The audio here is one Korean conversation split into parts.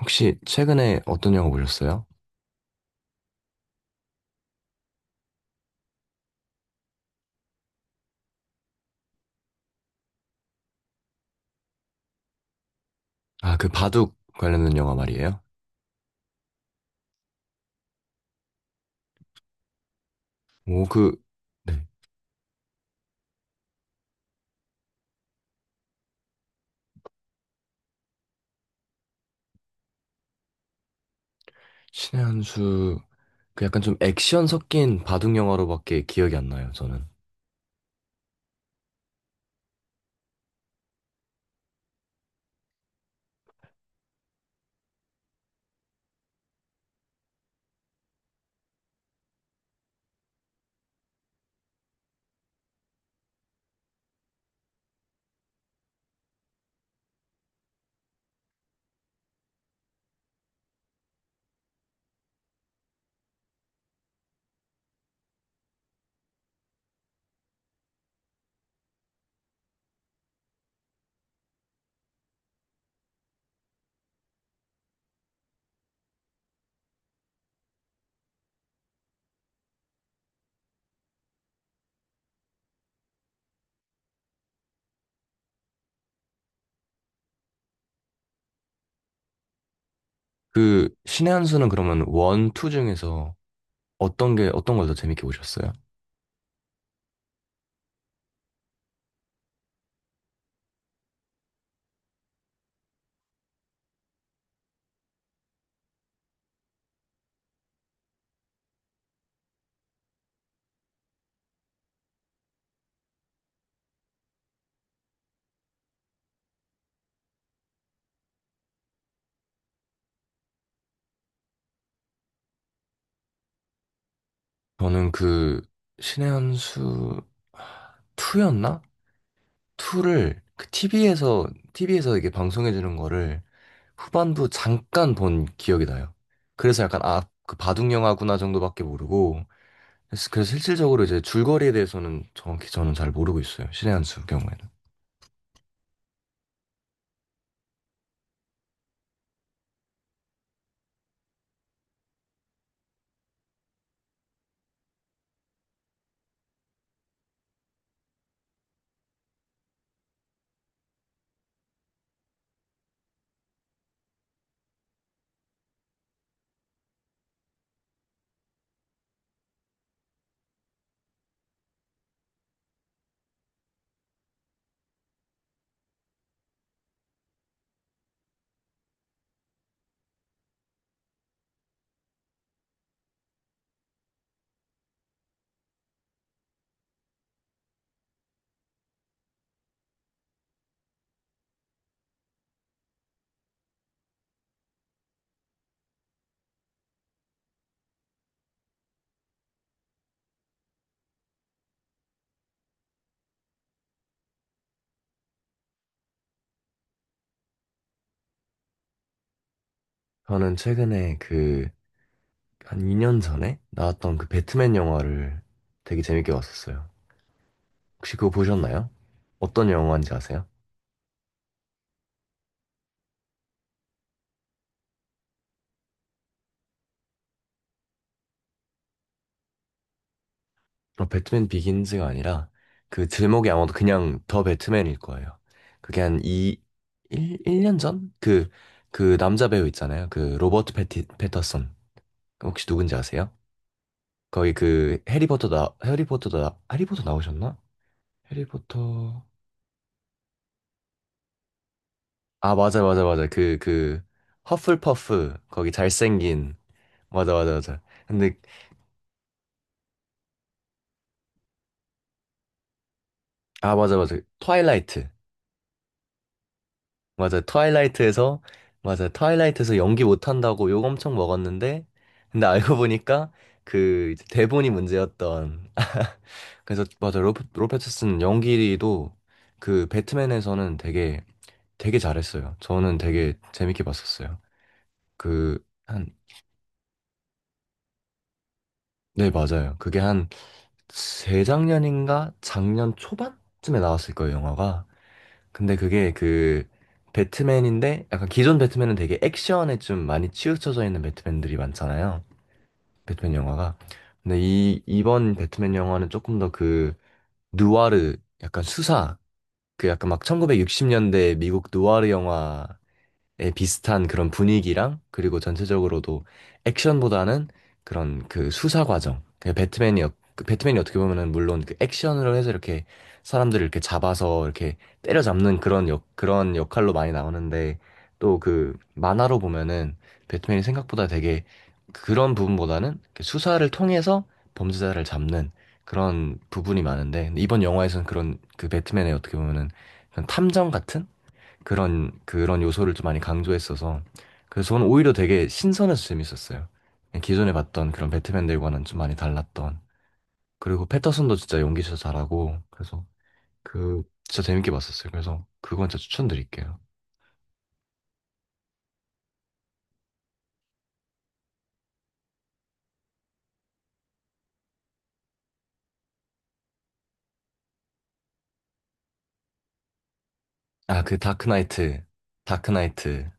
혹시 최근에 어떤 영화 보셨어요? 아, 그 바둑 관련된 영화 말이에요? 오, 그, 네. 신의 한 수, 그 약간 좀 액션 섞인 바둑 영화로밖에 기억이 안 나요, 저는. 그, 신의 한 수는 그러면 원, 투 중에서 어떤 게, 어떤 걸 더 재밌게 보셨어요? 저는 그, 신의 한 수, 투였나? 투를 그 TV에서, 티비에서 이게 방송해주는 거를 후반부 잠깐 본 기억이 나요. 그래서 약간 아, 그 바둑 영화구나 정도밖에 모르고 그래서 실질적으로 이제 줄거리에 대해서는 정확히 저는 잘 모르고 있어요. 신의 한수 경우에는. 저는 최근에 그 한 2년 전에 나왔던 그 배트맨 영화를 되게 재밌게 봤었어요. 혹시 그거 보셨나요? 어떤 영화인지 아세요? 어, 배트맨 비긴즈가 아니라 그 제목이 아마도 그냥 더 배트맨일 거예요. 그게 한이 1, 일년 전? 그, 그 남자 배우 있잖아요. 그 로버트 패티, 패터슨. 혹시 누군지 아세요? 거기 그 해리포터 나, 해리포터 나, 해리포터 나오셨나? 해리포터. 아, 맞아, 맞아, 맞아. 그, 그, 허플퍼프. 거기 잘생긴. 맞아, 맞아, 맞아. 근데, 아, 맞아, 맞아. 트와일라이트. 맞아. 트와일라이트에서, 맞아. 트와일라이트에서 연기 못한다고 욕 엄청 먹었는데, 근데 알고 보니까 그 이제 대본이 문제였던. 그래서, 맞아. 로, 로페스슨 연기도 그 배트맨에서는 되게, 되게 잘했어요. 저는 되게 재밌게 봤었어요. 그, 한, 네, 맞아요. 그게 한 재작년인가? 작년 초반쯤에 나왔을 거예요, 영화가. 근데 그게 그 배트맨인데 약간 기존 배트맨은 되게 액션에 좀 많이 치우쳐져 있는 배트맨들이 많잖아요. 배트맨 영화가. 근데 이 이번 배트맨 영화는 조금 더 그 누아르 약간 수사 그 약간 막 1960년대 미국 누아르 영화 에 비슷한 그런 분위기랑 그리고 전체적으로도 액션보다는 그런 그 수사 과정. 그 배트맨이 어- 그 배트맨이 어떻게 보면은 물론 그 액션으로 해서 이렇게 사람들을 이렇게 잡아서 이렇게 때려잡는 그런 역 그런 역할로 많이 나오는데 또 그 만화로 보면은 배트맨이 생각보다 되게 그런 부분보다는 그 수사를 통해서 범죄자를 잡는 그런 부분이 많은데 이번 영화에서는 그런 그 배트맨의 어떻게 보면은 그런 탐정 같은 그런 요소를 좀 많이 강조했어서 그래서 저는 오히려 되게 신선해서 재밌었어요. 기존에 봤던 그런 배트맨들과는 좀 많이 달랐던 그리고 패터슨도 진짜 연기 진짜 잘하고 그래서 그 진짜 재밌게 봤었어요. 그래서 그건 진짜 추천드릴게요. 아, 그 다크나이트 다크나이트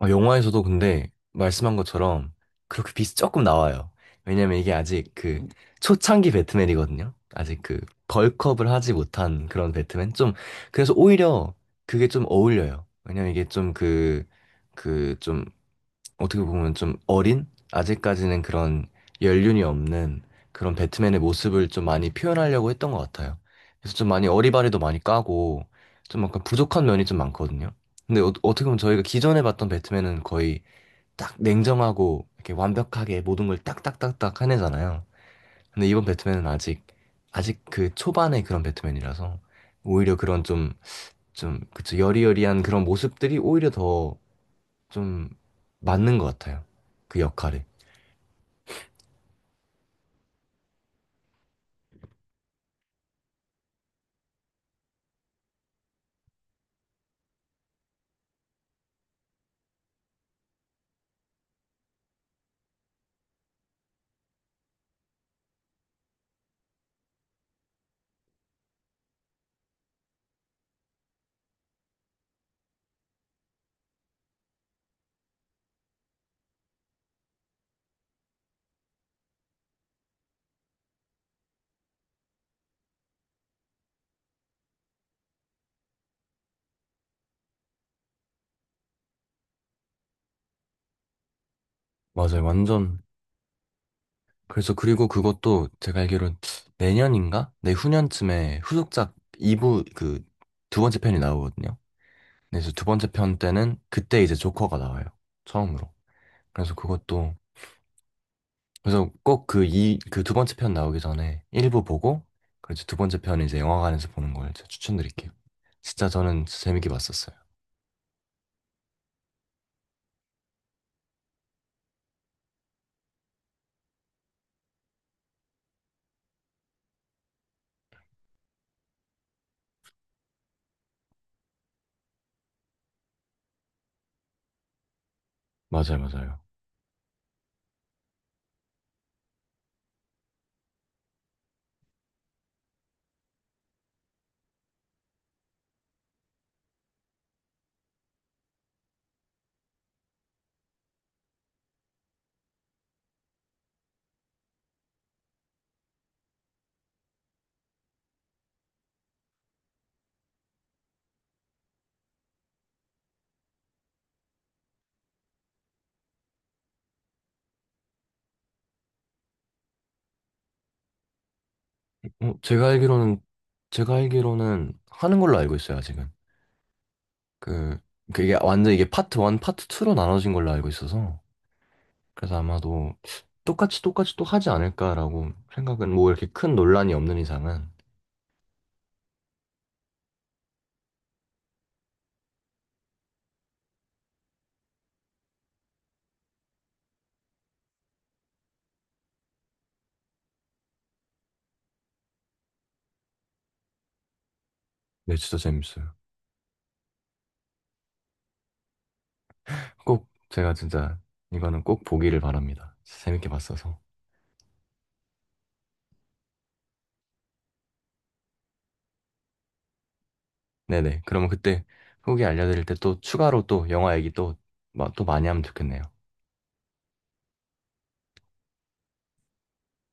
어, 영화에서도 근데 말씀한 것처럼 그렇게 비이 조금 나와요. 왜냐면 이게 아직 그 초창기 배트맨이거든요. 아직 그 벌크업을 하지 못한 그런 배트맨. 좀, 그래서 오히려 그게 좀 어울려요. 왜냐면 이게 좀 그, 그좀 어떻게 보면 좀 어린 아직까지는 그런 연륜이 없는 그런 배트맨의 모습을 좀 많이 표현하려고 했던 것 같아요. 그래서 좀 많이 어리바리도 많이 까고 좀 약간 부족한 면이 좀 많거든요. 근데 어, 어떻게 보면 저희가 기존에 봤던 배트맨은 거의 딱 냉정하고 이렇게 완벽하게 모든 걸 딱딱딱딱 해내잖아요. 근데 이번 배트맨은 아직 그 초반의 그런 배트맨이라서 오히려 그런 좀 좀 그쵸 여리여리한 그런 모습들이 오히려 더 좀 맞는 것 같아요. 그 역할에 맞아요. 완전. 그래서 그리고 그것도 제가 알기로는 내년인가? 내후년쯤에 후속작 2부 그 두 번째 편이 나오거든요. 네, 그래서 두 번째 편 때는 그때 이제 조커가 나와요. 처음으로. 그래서 그것도 그래서 꼭 그 이 그 두 번째 편 나오기 전에 1부 보고 그래서 두 번째 편 이제 영화관에서 보는 걸 제가 추천드릴게요. 진짜 저는 재밌게 봤었어요. 맞아요, 맞아요. 어, 제가 알기로는 하는 걸로 알고 있어요, 아직은. 그 그게 완전 이게 파트 1, 파트 2로 나눠진 걸로 알고 있어서 그래서 아마도 똑같이 또 하지 않을까라고 생각은 뭐 이렇게 큰 논란이 없는 이상은 네, 진짜 재밌어요. 꼭 제가 진짜 이거는 꼭 보기를 바랍니다. 진짜 재밌게 봤어서. 네네. 그러면 그때 후기 알려드릴 때 또 추가로 또 영화 얘기 또, 마- 또 많이 하면 좋겠네요.